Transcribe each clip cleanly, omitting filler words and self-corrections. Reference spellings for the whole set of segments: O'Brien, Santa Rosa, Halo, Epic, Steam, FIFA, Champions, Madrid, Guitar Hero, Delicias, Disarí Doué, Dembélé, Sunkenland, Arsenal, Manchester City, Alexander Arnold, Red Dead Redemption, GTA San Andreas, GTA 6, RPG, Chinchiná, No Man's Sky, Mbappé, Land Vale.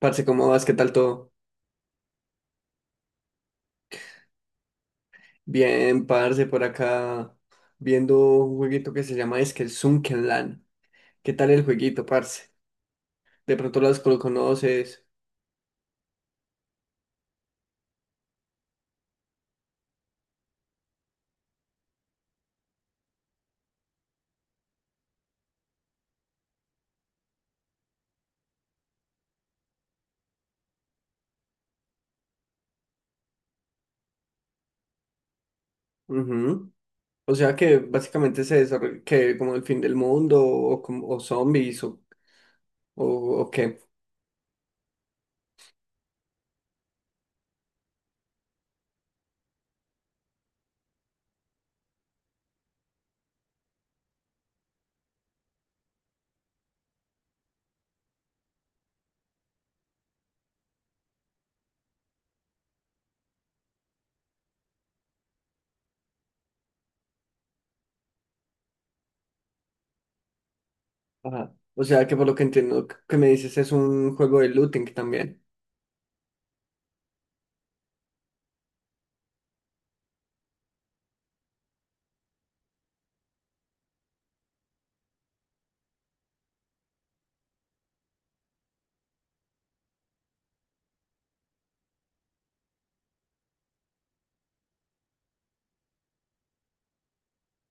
Parce, ¿cómo vas? ¿Qué tal todo? Bien, parce, por acá viendo un jueguito que se llama es que el Sunkenland. ¿Qué tal el jueguito, parce? De pronto las lo conoces. Ujú. O sea que básicamente se desarrolla que como el fin del mundo o zombies o, o qué. Ajá. O sea que por lo que entiendo que me dices es un juego de looting también.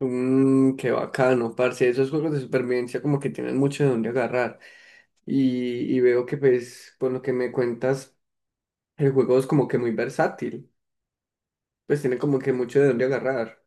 Mmm, qué bacano, parce. Esos juegos de supervivencia como que tienen mucho de dónde agarrar. Y veo que pues por lo que me cuentas el juego es como que muy versátil, pues tiene como que mucho de dónde agarrar.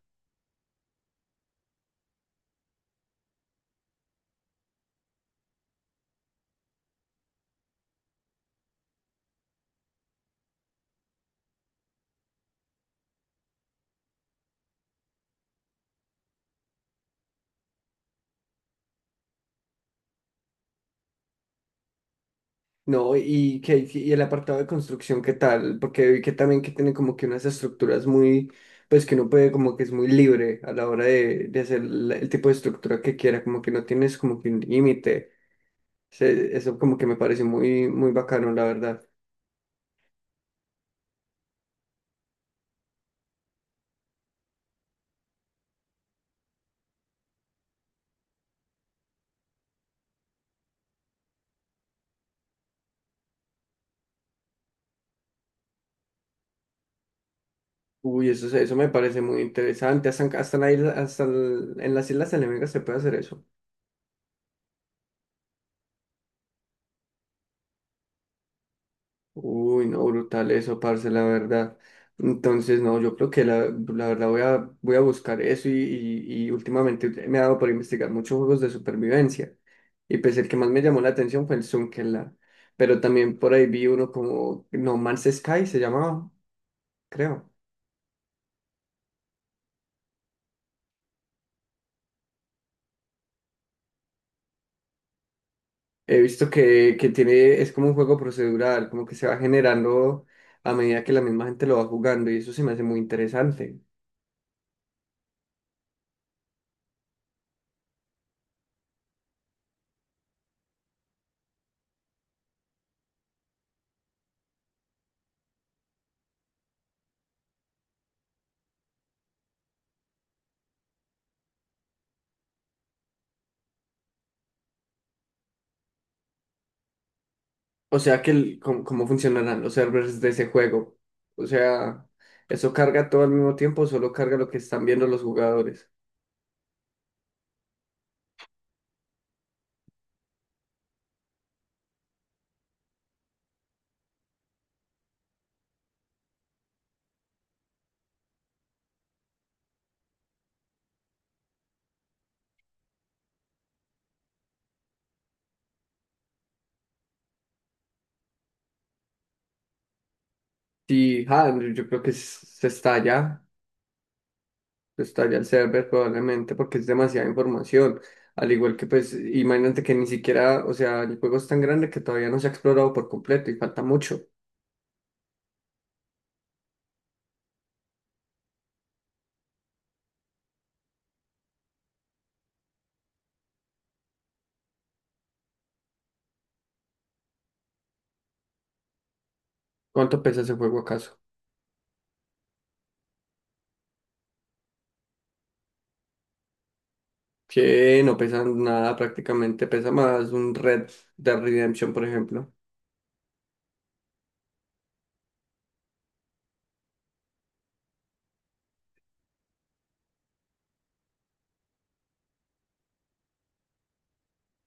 No, y el apartado de construcción, ¿qué tal? Porque vi que también que tiene como que unas estructuras muy, pues que uno puede como que es muy libre a la hora de hacer el tipo de estructura que quiera, como que no tienes como que un límite. Eso como que me parece muy, muy bacano, la verdad. Uy, eso, eso me parece muy interesante. Hasta, hasta en las Islas Enemigas se puede hacer eso. Uy, no, brutal eso, parce, la verdad. Entonces, no, yo creo que la verdad voy a buscar eso y últimamente me ha dado por investigar muchos juegos de supervivencia. Y pues el que más me llamó la atención fue el Zunkenland. Pero también por ahí vi uno como No Man's Sky, se llamaba, creo. He visto que tiene, es como un juego procedural, como que se va generando a medida que la misma gente lo va jugando y eso se me hace muy interesante. O sea que cómo, cómo funcionarán los servers de ese juego. O sea, ¿eso carga todo al mismo tiempo o solo carga lo que están viendo los jugadores? Sí, ah, yo creo que se estalla el server probablemente porque es demasiada información. Al igual que pues, imagínate que ni siquiera, o sea, el juego es tan grande que todavía no se ha explorado por completo y falta mucho. ¿Cuánto pesa ese juego acaso? Que no pesa nada prácticamente, pesa más un Red Dead Redemption, por ejemplo.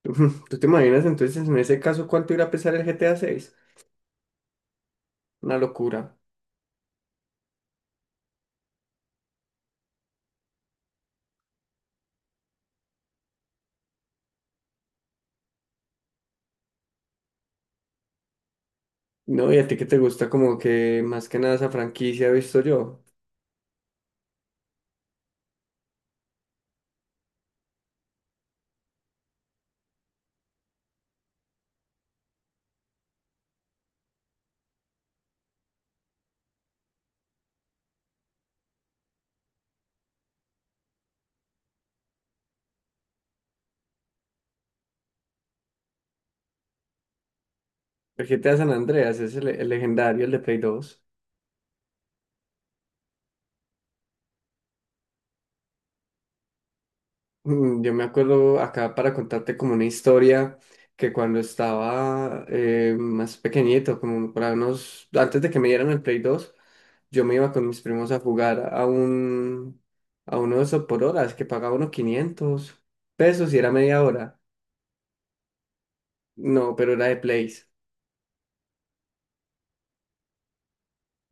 Ujú, ¿tú te imaginas entonces en ese caso cuánto irá a pesar el GTA 6? Una locura. No, y a ti que te gusta como que más que nada esa franquicia he visto yo. El GTA San Andreas es el legendario, el de Play 2. Mm, yo me acuerdo acá para contarte como una historia que cuando estaba más pequeñito, como para unos, antes de que me dieran el Play 2, yo me iba con mis primos a jugar a uno de esos por horas que pagaba unos 500 pesos y era media hora. No, pero era de Place.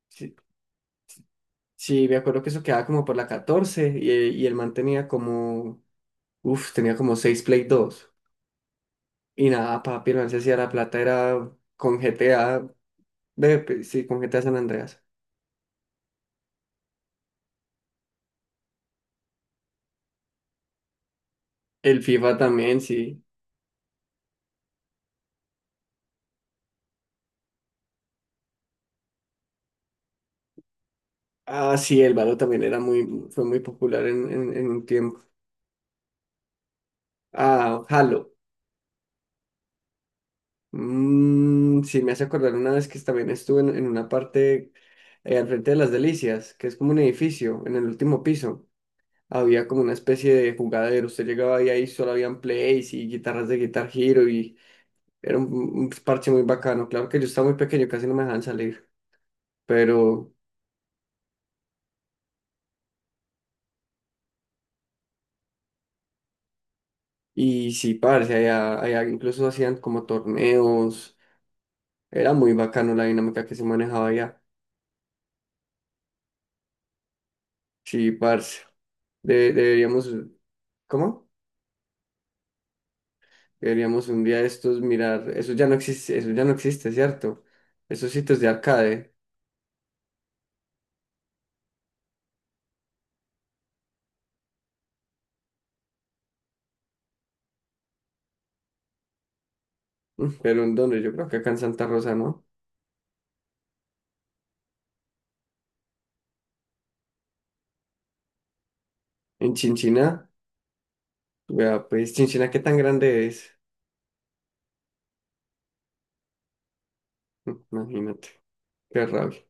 Sí, sí, me acuerdo que eso quedaba como por la 14 y el man tenía como, uf, tenía como 6 Play dos. Y nada, papi, el man se hacía la plata, era con GTA, con GTA San Andreas. El FIFA también, sí. Ah, sí, el Valo también era muy, fue muy popular en un tiempo. Ah, Halo. Mm, sí, me hace acordar una vez que también estuve en una parte al frente de las Delicias, que es como un edificio en el último piso. Había como una especie de jugadero. Usted llegaba ahí, ahí solo habían plays y guitarras de Guitar Hero y era un parche muy bacano. Claro que yo estaba muy pequeño, casi no me dejaban salir, pero y sí, parce, allá incluso hacían como torneos. Era muy bacano la dinámica que se manejaba allá. Sí, parce. De- deberíamos, ¿Cómo? Deberíamos un día de estos mirar, eso ya no existe, eso ya no existe, ¿cierto? Esos sitios de arcade. Mm, pero ¿en dónde? Yo creo que acá en Santa Rosa, ¿no? En Chinchiná. Vea, pues, Chinchina, ¿qué tan grande es? Imagínate, qué rabia.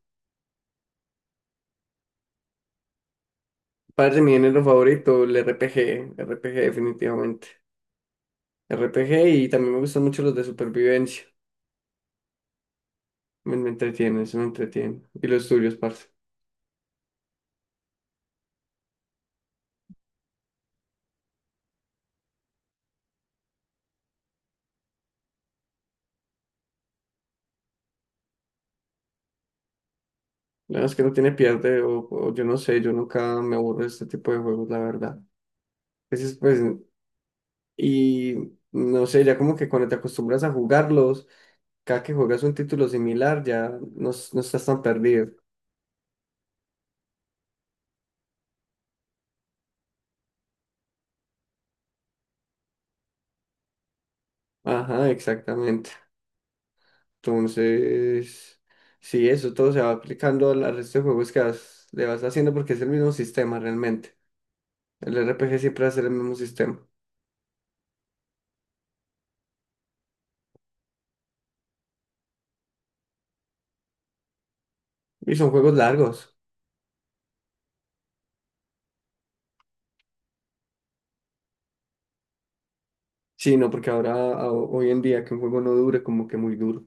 Padre, mi género favorito, el RPG, RPG definitivamente. RPG y también me gustan mucho los de supervivencia. Me entretiene, eso me entretiene. Y los tuyos, parce. La verdad es que no tiene pierde, o yo no sé, yo nunca me aburro de este tipo de juegos, la verdad. Entonces, pues, y no sé, ya como que cuando te acostumbras a jugarlos, cada que juegas un título similar, ya no estás tan perdido. Ajá, exactamente. Entonces, sí, eso todo se va aplicando al al resto de juegos que le vas haciendo porque es el mismo sistema realmente. El RPG siempre va a ser el mismo sistema. Y son juegos largos. Sí, no, porque ahora, hoy en día, que un juego no dure, como que muy duro.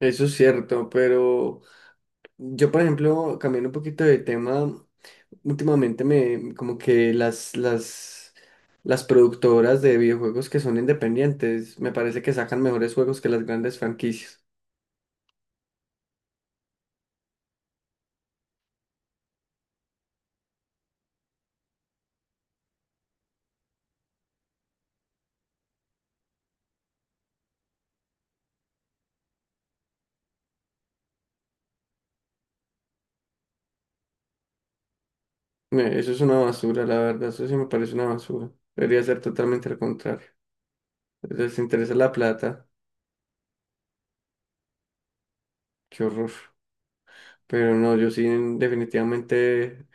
Eso es cierto, pero yo, por ejemplo, cambiando un poquito de tema, últimamente me, como que las productoras de videojuegos que son independientes, me parece que sacan mejores juegos que las grandes franquicias. Eso es una basura, la verdad, eso sí me parece una basura. Debería ser totalmente al contrario. Les interesa la plata, qué horror. Pero no, yo sí definitivamente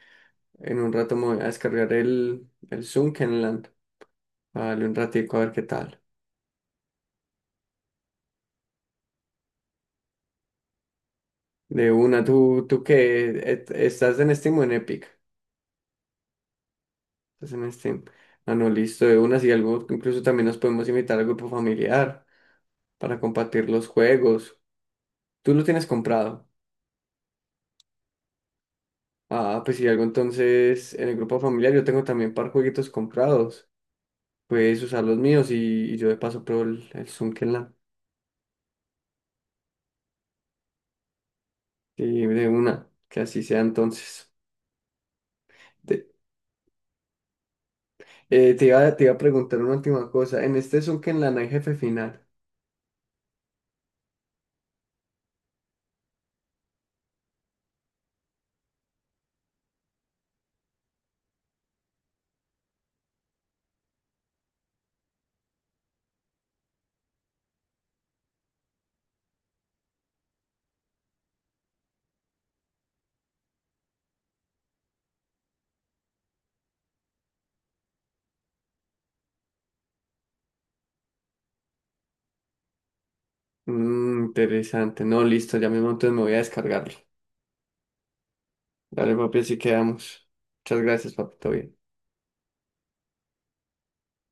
en un rato me voy a descargar el Land Vale, un ratico a ver qué tal. De una, tú que estás en Steam o en Epic. Estás en Steam. Ah, no, listo, de una, si algo, incluso también nos podemos invitar al grupo familiar para compartir los juegos. Tú lo tienes comprado. Ah, pues si algo entonces en el grupo familiar yo tengo también par jueguitos comprados. Puedes usar los míos y yo de paso pruebo el Zunkenland. Sí, de una, que así sea entonces. Te, te iba a preguntar una última cosa. En este Zunkenland hay jefe final. Mm, interesante. No, listo, ya mismo entonces me voy a descargarlo. Dale, papi, así quedamos. Muchas gracias, papi, todo bien.